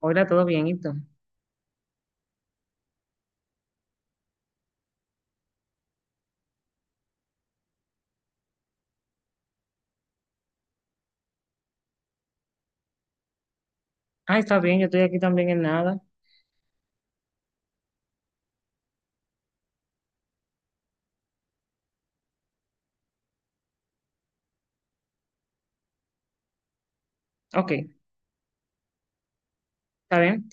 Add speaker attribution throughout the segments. Speaker 1: Hola, ¿todo bien? ¿Y tú? Ah, está bien, yo estoy aquí también en nada. Ok, está bien.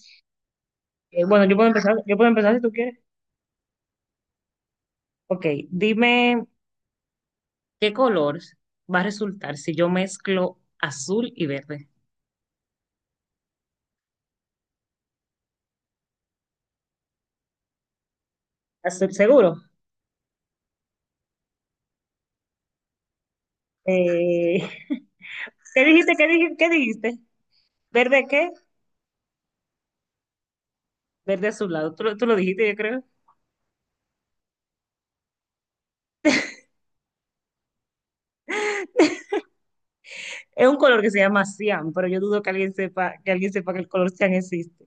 Speaker 1: Bueno, yo puedo empezar si tú quieres. Ok, dime qué color va a resultar si yo mezclo azul y verde. ¿Azul seguro? Eh, ¿qué dijiste? ¿Qué dijiste? ¿Qué dijiste? ¿Verde qué? Verde azulado. Tú, tú lo dijiste, yo creo. Es un color que se llama cian, pero yo dudo que alguien sepa, que alguien sepa que el color cian existe.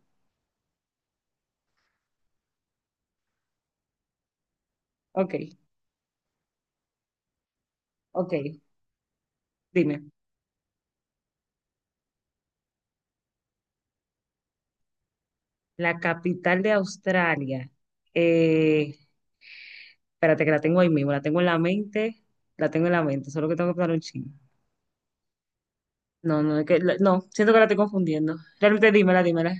Speaker 1: Ok, ok, dime. La capital de Australia. Eh, Espérate, que la tengo ahí mismo, la tengo en la mente, la tengo en la mente, solo que tengo que pensar un chingo. No, no, es que, no, siento que la estoy confundiendo. Realmente dímela, dímela.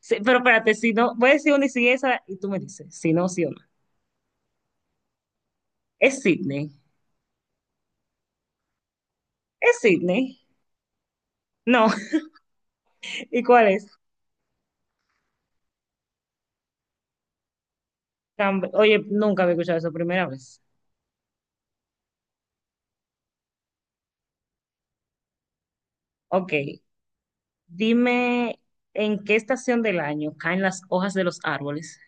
Speaker 1: Sí, pero espérate, si no, voy a decir una y sigue esa y tú me dices, si no, sí o no. Es Sydney, es Sydney. No, ¿y cuál es? Oye, nunca había escuchado eso, primera vez. Ok, dime en qué estación del año caen las hojas de los árboles.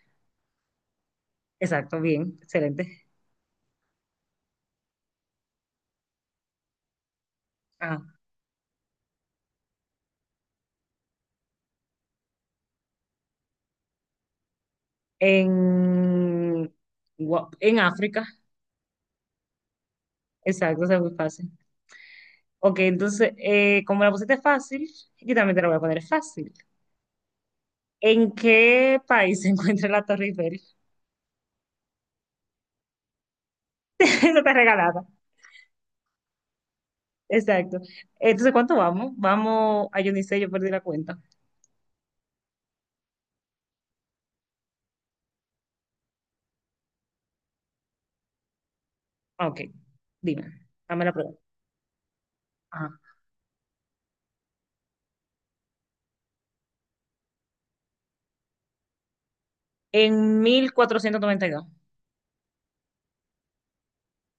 Speaker 1: Exacto, bien, excelente. Ah, en, en África. Exacto, eso es muy fácil. Ok, entonces, como la pusiste fácil, yo también te la voy a poner fácil. ¿En qué país se encuentra la Torre Eiffel? Eso está regalada. Exacto. Entonces, ¿cuánto vamos? Vamos, a yo ni sé, yo perdí la cuenta. Ah, ok, dime, dame la prueba. Ajá. En 1492.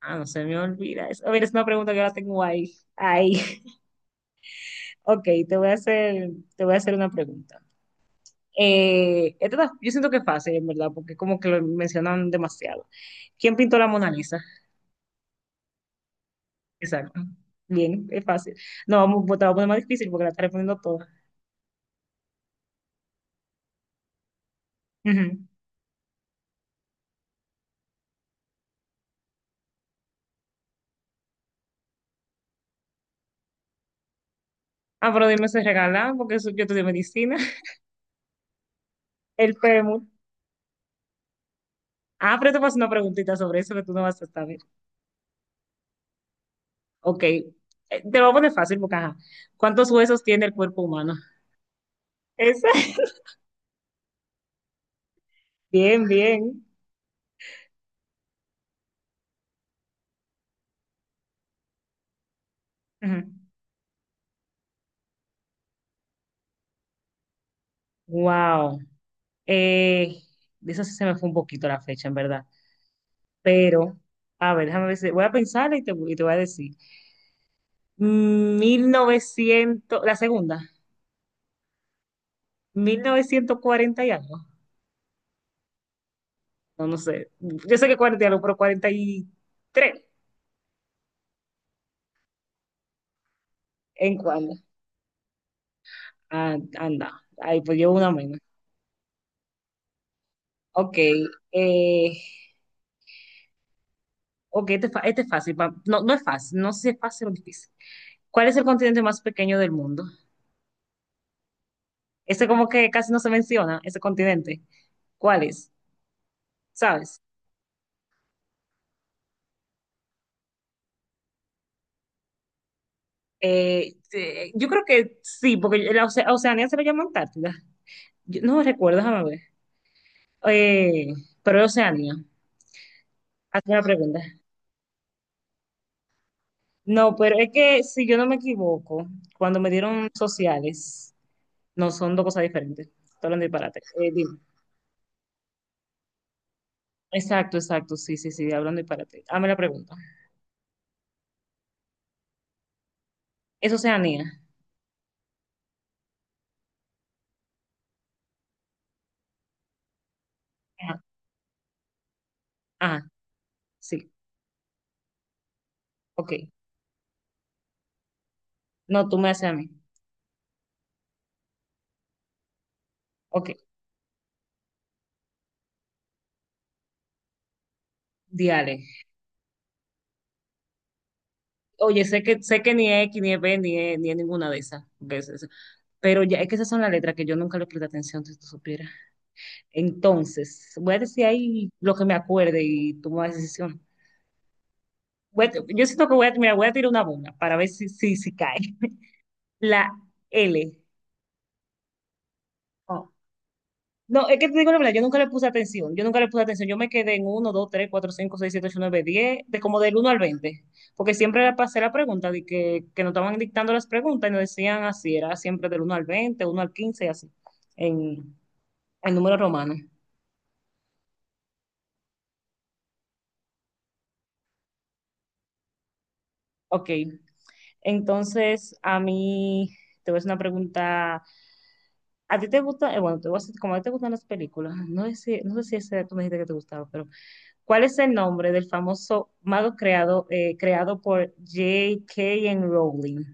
Speaker 1: Ah, no se me olvida eso. A ver, es una pregunta que ahora tengo ahí. Ahí. Ok, te voy a hacer, te voy a hacer una pregunta. Yo siento que es fácil, en verdad, porque como que lo mencionan demasiado. ¿Quién pintó la Mona Lisa? Exacto. Bien, es fácil. No, vamos, pues, te voy a poner más difícil porque la está respondiendo toda. Ujú. Ah, pero dime si regalan, porque yo estudié medicina. El fémur. Ah, pero te vas a hacer una preguntita sobre eso que tú no vas a saber. Ok. Te lo voy a poner fácil porque, ajá, ¿cuántos huesos tiene el cuerpo humano? Esa. Bien, bien. Ujú. Wow. Eh, de eso sí se me fue un poquito la fecha, en verdad. Pero, a ver, déjame ver voy a pensar y te voy a decir. Mil novecientos la segunda, 1940 y algo. No, no sé. Yo sé que 40 y algo, pero 43. ¿En cuándo? Ah, anda. Ahí, pues llevo una menos. Ok. eh, ok, este, este es fácil. No, no es fácil. No sé si es fácil o difícil. ¿Cuál es el continente más pequeño del mundo? Ese como que casi no se menciona, ese continente. ¿Cuál es? ¿Sabes? Yo creo que sí, porque la a Oceanía se le llama Antártida. No recuerdo, déjame ver. Eh, pero es Oceanía. Hazme la pregunta. No, pero es que si yo no me equivoco, cuando me dieron sociales, no son dos cosas diferentes. Estoy hablando de disparate. Dime. Exacto, exacto, sí, sí, sí, hablando de disparate. Hazme la pregunta. ¿Es Oceanía? Ajá, ajá, sí, ok. No, tú me haces a mí. Ok, diale. Oye, sé que ni es X, ni es B, ni es, ni es ninguna de esas. Pero ya es que esas son las letras que yo nunca le presté atención, si tú supieras. Entonces, voy a decir ahí lo que me acuerde y tomo la decisión. Yo siento que voy a, mira, voy a tirar una bomba para ver si, si, si cae. La L. Oh, no, es que te digo la verdad, yo nunca le puse atención, yo nunca le puse atención, yo me quedé en uno, dos, tres, cuatro, cinco, seis, siete, ocho, nueve, diez, de como del uno al veinte, porque siempre la pasé la pregunta, de que nos estaban dictando las preguntas y nos decían así, era siempre del uno al veinte, uno al 15 y así, en, en número romano. Ok, entonces, a mí, te voy a hacer una pregunta. ¿A ti te gusta? Bueno, te voy a hacer, como a ti te gustan las películas, no sé si, no sé si ese tú me dijiste que te gustaba, pero ¿cuál es el nombre del famoso mago creado, creado por JK Rowling?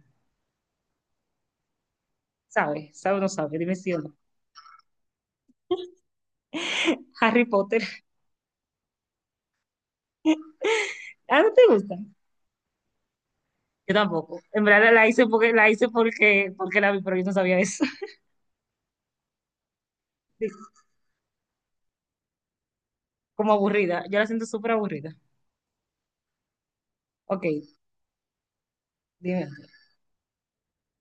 Speaker 1: ¿Sabes? ¿Sabes o no sabes? Dime si o no. Harry Potter. ¿ah, no te gusta? Yo tampoco. En verdad la hice porque, porque la vi, pero yo no sabía eso. Sí, como aburrida. Yo la siento súper aburrida. Ok, dime.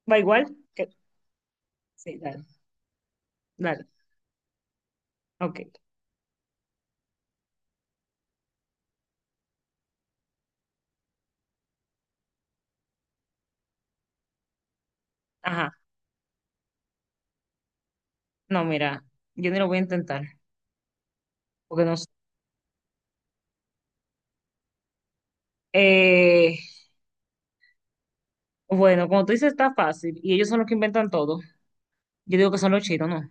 Speaker 1: ¿Va igual? ¿Qué? Sí, dale. Dale. Ok. Ajá. No, mira, yo ni lo voy a intentar, porque no sé. Eh, bueno, como tú dices, está fácil, y ellos son los que inventan todo. Yo digo que son los chinos, ¿no?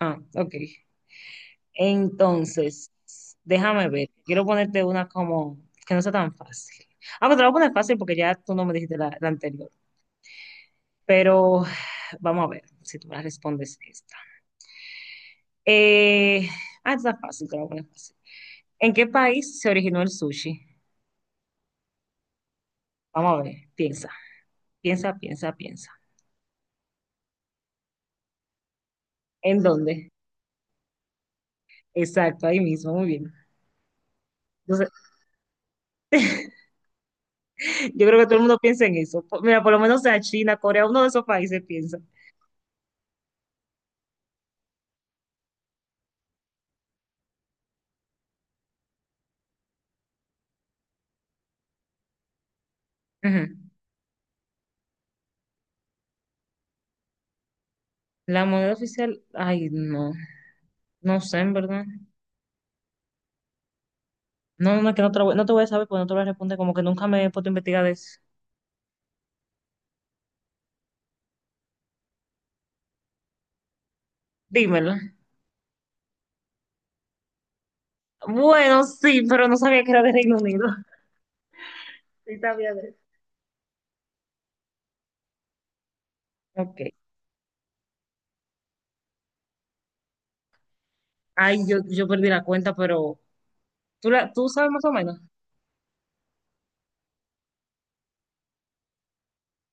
Speaker 1: Ah, ok. Entonces, déjame ver. Quiero ponerte una como que no sea tan fácil. Ah, pero te la voy a poner fácil porque ya tú no me dijiste la anterior. Pero vamos a ver si tú me respondes esta. Eh, ah, esta está fácil, te la voy a poner fácil. ¿En qué país se originó el sushi? Vamos a ver, piensa, piensa, piensa, piensa. ¿En dónde? Exacto, ahí mismo, muy bien. Entonces, yo creo que todo el mundo piensa en eso. Mira, por lo menos sea China, Corea, uno de esos países piensa. Ujú. La moneda oficial, ay, no, no sé, en verdad. No, no, es que no te, no te voy a saber porque no te voy a responder, como que nunca me he puesto a investigar de eso. Dímelo. Bueno, sí, pero no sabía que era de Reino Unido. Sí, sabía de eso. Ok. Ay, yo perdí la cuenta, pero ¿tú, la, tú sabes más o menos?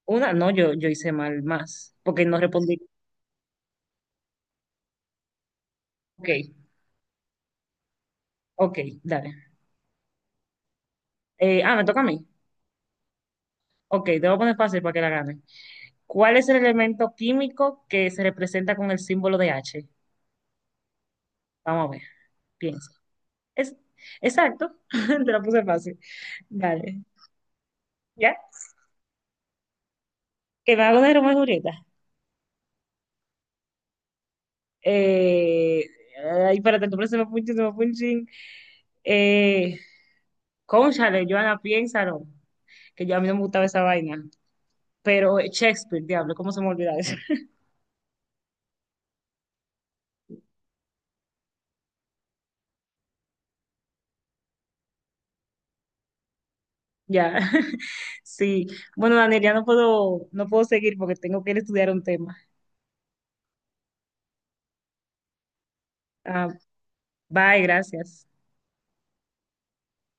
Speaker 1: Una, no, yo hice mal más, porque no respondí. Ok, ok, dale. Ah, me toca a mí. Ok, te voy a poner fácil para que la gane. ¿Cuál es el elemento químico que se representa con el símbolo de H? Vamos a ver, piensa. Es, exacto, te la puse fácil. Dale, ¿ya? Que me hago de Romeo y Julieta. Eh, ay, espérate, tu me punching, se me fue un chin. Eh, cónchale, Joana, piénsalo. Que ya a mí no me gustaba esa vaina. Pero Shakespeare, diablo, ¿cómo se me olvida eso? Ya, sí. Bueno, Daniel, ya no puedo, no puedo seguir porque tengo que ir a estudiar un tema. Ah, bye, gracias.